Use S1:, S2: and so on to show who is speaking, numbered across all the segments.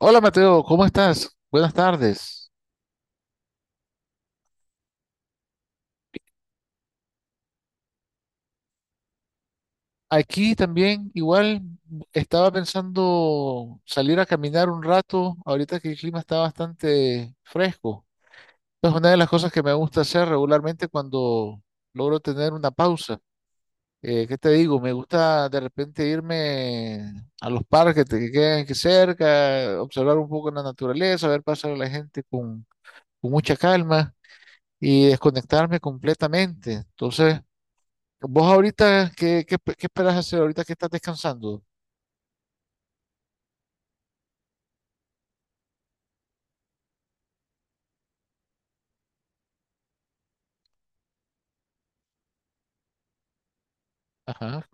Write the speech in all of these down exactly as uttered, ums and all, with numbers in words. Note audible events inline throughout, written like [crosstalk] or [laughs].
S1: Hola Mateo, ¿cómo estás? Buenas tardes. Aquí también igual estaba pensando salir a caminar un rato, ahorita que el clima está bastante fresco. Es una de las cosas que me gusta hacer regularmente cuando logro tener una pausa. Eh, ¿qué te digo? Me gusta de repente irme a los parques que te- que quedan aquí cerca, observar un poco la naturaleza, ver pasar a la gente con, con mucha calma y desconectarme completamente. Entonces... Vos ahorita, ¿qué, qué, qué esperas hacer ahorita que estás descansando? Ajá.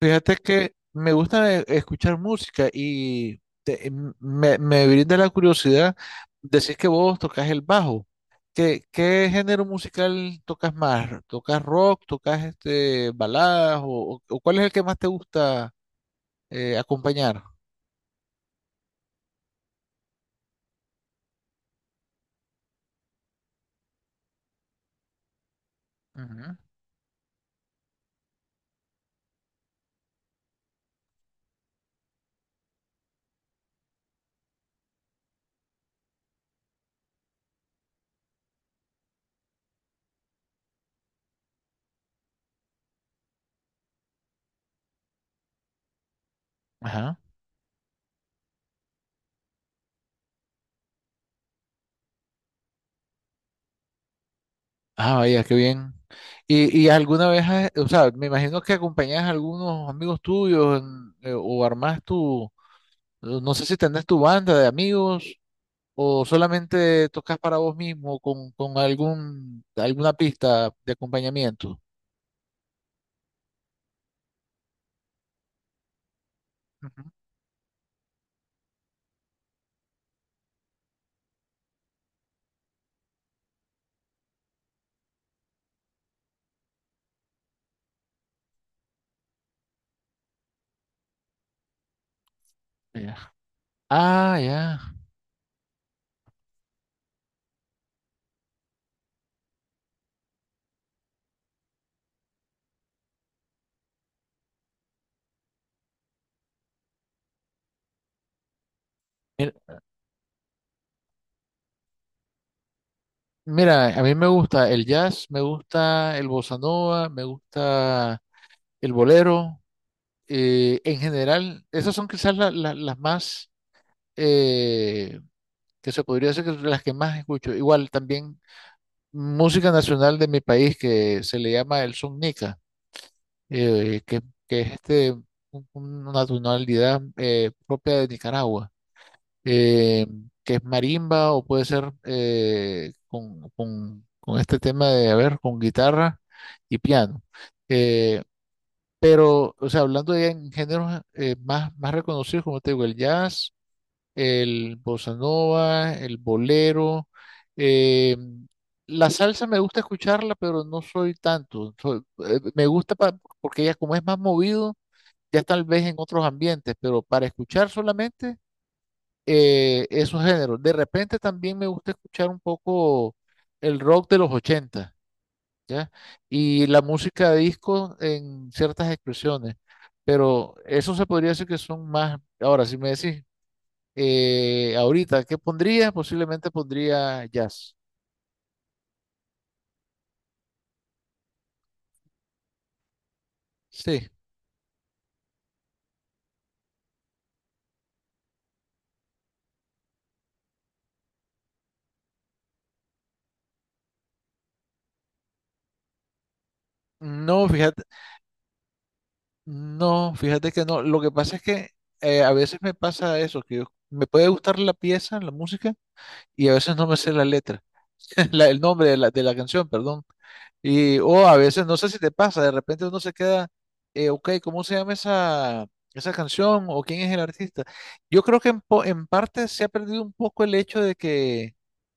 S1: Fíjate que me gusta e- escuchar música y te- m- me, me brinda la curiosidad. Decís que vos tocas el bajo. ¿Qué, qué género musical tocas más? ¿Tocas rock? ¿Tocas este baladas? ¿O, o- o cuál es el que más te gusta eh, acompañar? Ujú. Ajá. Ah, vaya, qué bien. ¿Y, y alguna vez, has- o sea, me imagino que acompañas a algunos amigos tuyos en- eh, o armás tu, eh, no sé si tenés tu banda de amigos o solamente tocas para vos mismo con, con algún, alguna pista de acompañamiento? Ujú. Ya. Ah, ya. Mir- Mira, a mí me gusta el jazz, me gusta el bossa nova, me gusta el bolero. Eh, en general, esas son quizás la- la- las más... eh, que se podría decir que es de las que más escucho. Igual también música nacional de mi país que se le llama el son nica, eh, que, que es este, un- una tonalidad eh, propia de Nicaragua, eh, que es marimba o puede ser eh, con, con- con este tema de, a ver, con guitarra y piano. Eh, pero, o sea, hablando de en géneros eh, más, más reconocidos, como te digo, el jazz, el bossa nova, el bolero. eh, la salsa me gusta escucharla, pero no soy tanto. Soy- eh, me gusta pa- porque ella como es más movido, ya tal vez en otros ambientes, pero para escuchar solamente eh, esos géneros. De repente también me gusta escuchar un poco el rock de los ochenta, ¿ya? Y la música de disco en ciertas expresiones, pero eso se podría decir que son más, ahora si me decís, eh, ahorita, ¿qué pondría? Posiblemente pondría jazz. Sí. No, fíjate, no, fíjate que no. Lo que pasa es que eh, a veces me pasa eso, que yo- me puede gustar la pieza, la música, y a veces no me sé la letra. [laughs] La- el nombre de la, de la canción, perdón. Y, o a veces, no sé si te pasa, de repente uno se queda, eh, ok, ¿cómo se llama esa, esa canción? ¿O quién es el artista? Yo creo que en, po- en parte se ha perdido un poco el hecho de que,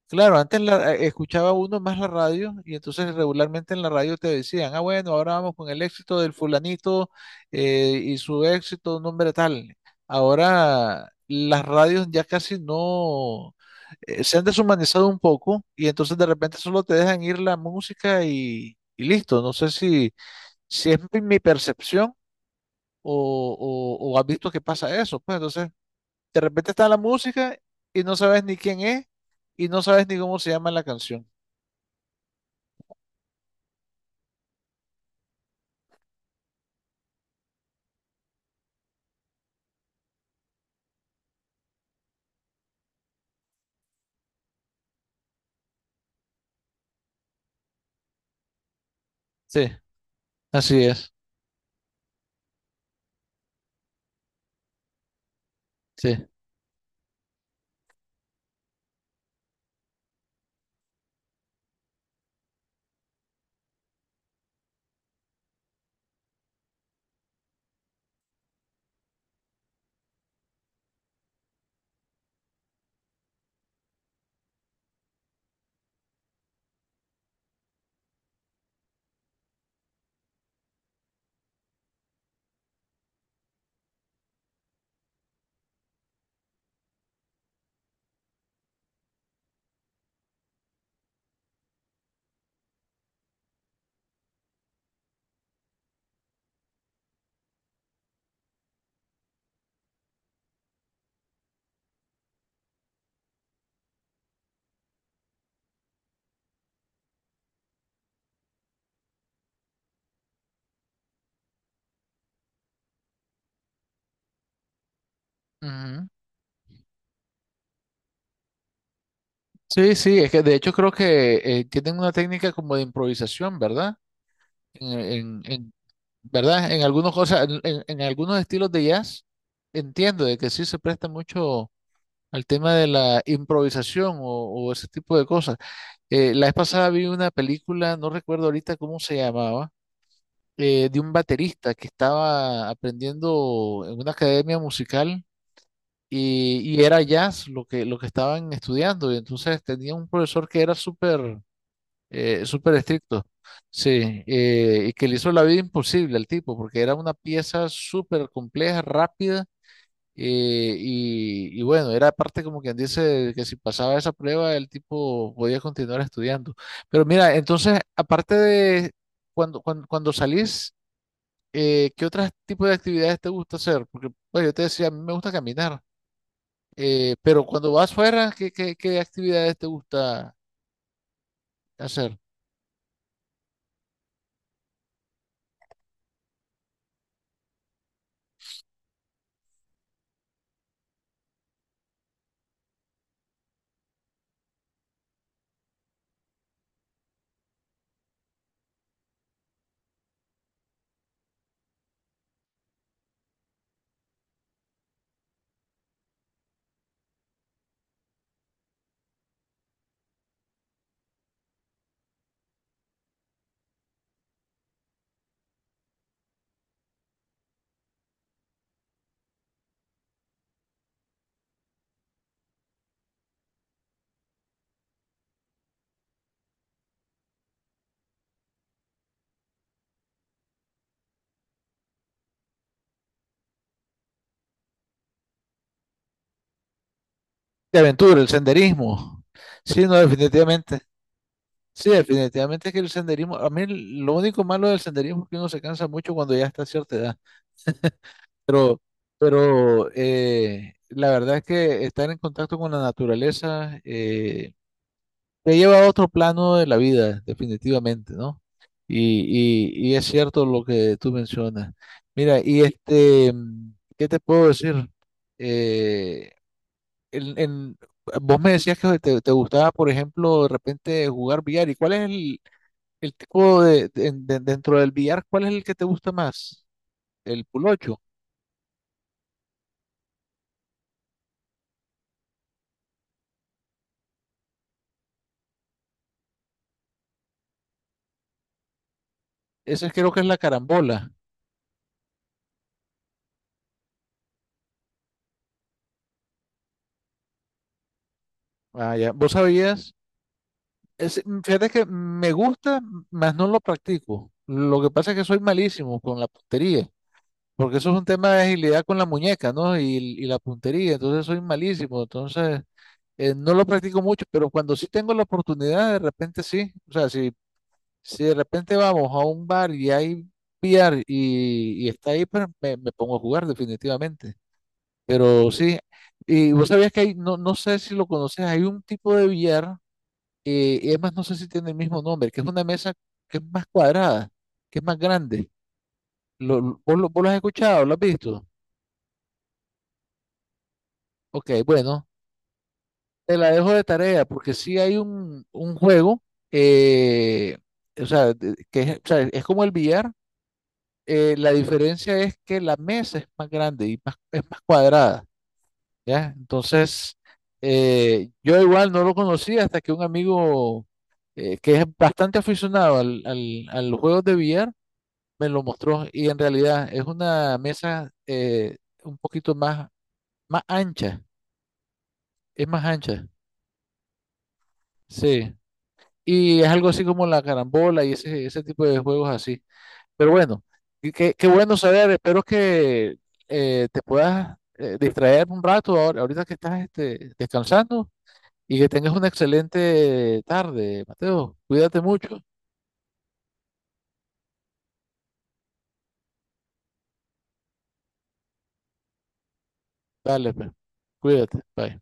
S1: claro, antes la- eh, escuchaba uno más la radio y entonces regularmente en la radio te decían, ah, bueno, ahora vamos con el éxito del fulanito eh, y su éxito, un nombre tal. Ahora las radios ya casi no eh, se han deshumanizado un poco y entonces de repente solo te dejan ir la música y, y listo. No sé si, si es mi mi percepción o, o, o has visto que pasa eso. Pues entonces de repente está la música y no sabes ni quién es y no sabes ni cómo se llama la canción. Sí, así es. Sí. Ujú. Sí, sí, es que de hecho creo que eh, tienen una técnica como de improvisación, ¿verdad? en, en- en- ¿Verdad? En algunas cosas, en, en- en algunos estilos de jazz, entiendo de que sí se presta mucho al tema de la improvisación o, o ese tipo de cosas. Eh, la vez pasada vi una película, no recuerdo ahorita cómo se llamaba, eh, de un baterista que estaba aprendiendo en una academia musical y, y era jazz lo que, lo que estaban estudiando. Y entonces tenía un profesor que era súper eh, súper estricto. Sí, eh, y que le hizo la vida imposible al tipo, porque era una pieza súper compleja, rápida, eh, y, y bueno, era parte como quien dice que si pasaba esa prueba, el tipo podía continuar estudiando. Pero mira, entonces, aparte de cuando, cuando, cuando salís, eh, ¿qué otros tipos de actividades te gusta hacer? Porque, pues, yo te decía, a mí me gusta caminar, eh, pero cuando vas fuera, ¿qué, qué, qué actividades te gusta hacer? De aventura, el senderismo. Sí, no, definitivamente. Sí, definitivamente es que el senderismo, a mí lo único malo del senderismo es que uno se cansa mucho cuando ya está a cierta edad, pero, pero eh, la verdad es que estar en contacto con la naturaleza eh, te lleva a otro plano de la vida, definitivamente, ¿no? Y, y, y es cierto lo que tú mencionas. Mira, y este, ¿qué te puedo decir? Eh, en- en- Vos me decías que te, te gustaba, por ejemplo, de repente jugar billar. ¿Y cuál es el, el tipo de, de- de- dentro del billar, cuál es el que te gusta más? El pulocho. Ese creo que es la carambola. Ah, ya. ¿Vos sabías? Es mm, fíjate que me gusta, mas no lo practico. Lo que pasa es que soy malísimo con la puntería, porque eso es un tema de agilidad con la muñeca, ¿no? Y, y la puntería, entonces soy malísimo. Entonces, eh, no lo practico mucho, pero cuando sí tengo la oportunidad, de repente sí. O sea, si si de repente vamos a un bar y hay V R y, y está ahí, pues me, me pongo a jugar definitivamente. Pero sí, y vos sabías que hay, no, no sé si lo conoces, hay un tipo de V R, eh, y además no sé si tiene el mismo nombre, que es una mesa que es más cuadrada, que es más grande. Lo, lo- ¿vos, lo, vos lo has escuchado? ¿Lo has visto? Ok, bueno, te la dejo de tarea porque sí hay un, un juego, eh, o sea, de- que es, o sea, es como el V R, eh, la diferencia es que la mesa es más grande y más, es más cuadrada, ¿ya? Entonces, eh, yo igual no lo conocía hasta que un amigo eh, que es bastante aficionado al, al, a los juegos de billar me lo mostró y en realidad es una mesa eh, un poquito más, más ancha, es más ancha, sí. Y es algo así como la carambola y ese, ese tipo de juegos así. Pero bueno, y qué, qué bueno saber. Espero que eh, te puedas eh, distraer un rato ahora- ahorita que estás este, descansando y que tengas una excelente tarde, Mateo. Cuídate mucho. Dale, pues. Cuídate. Bye.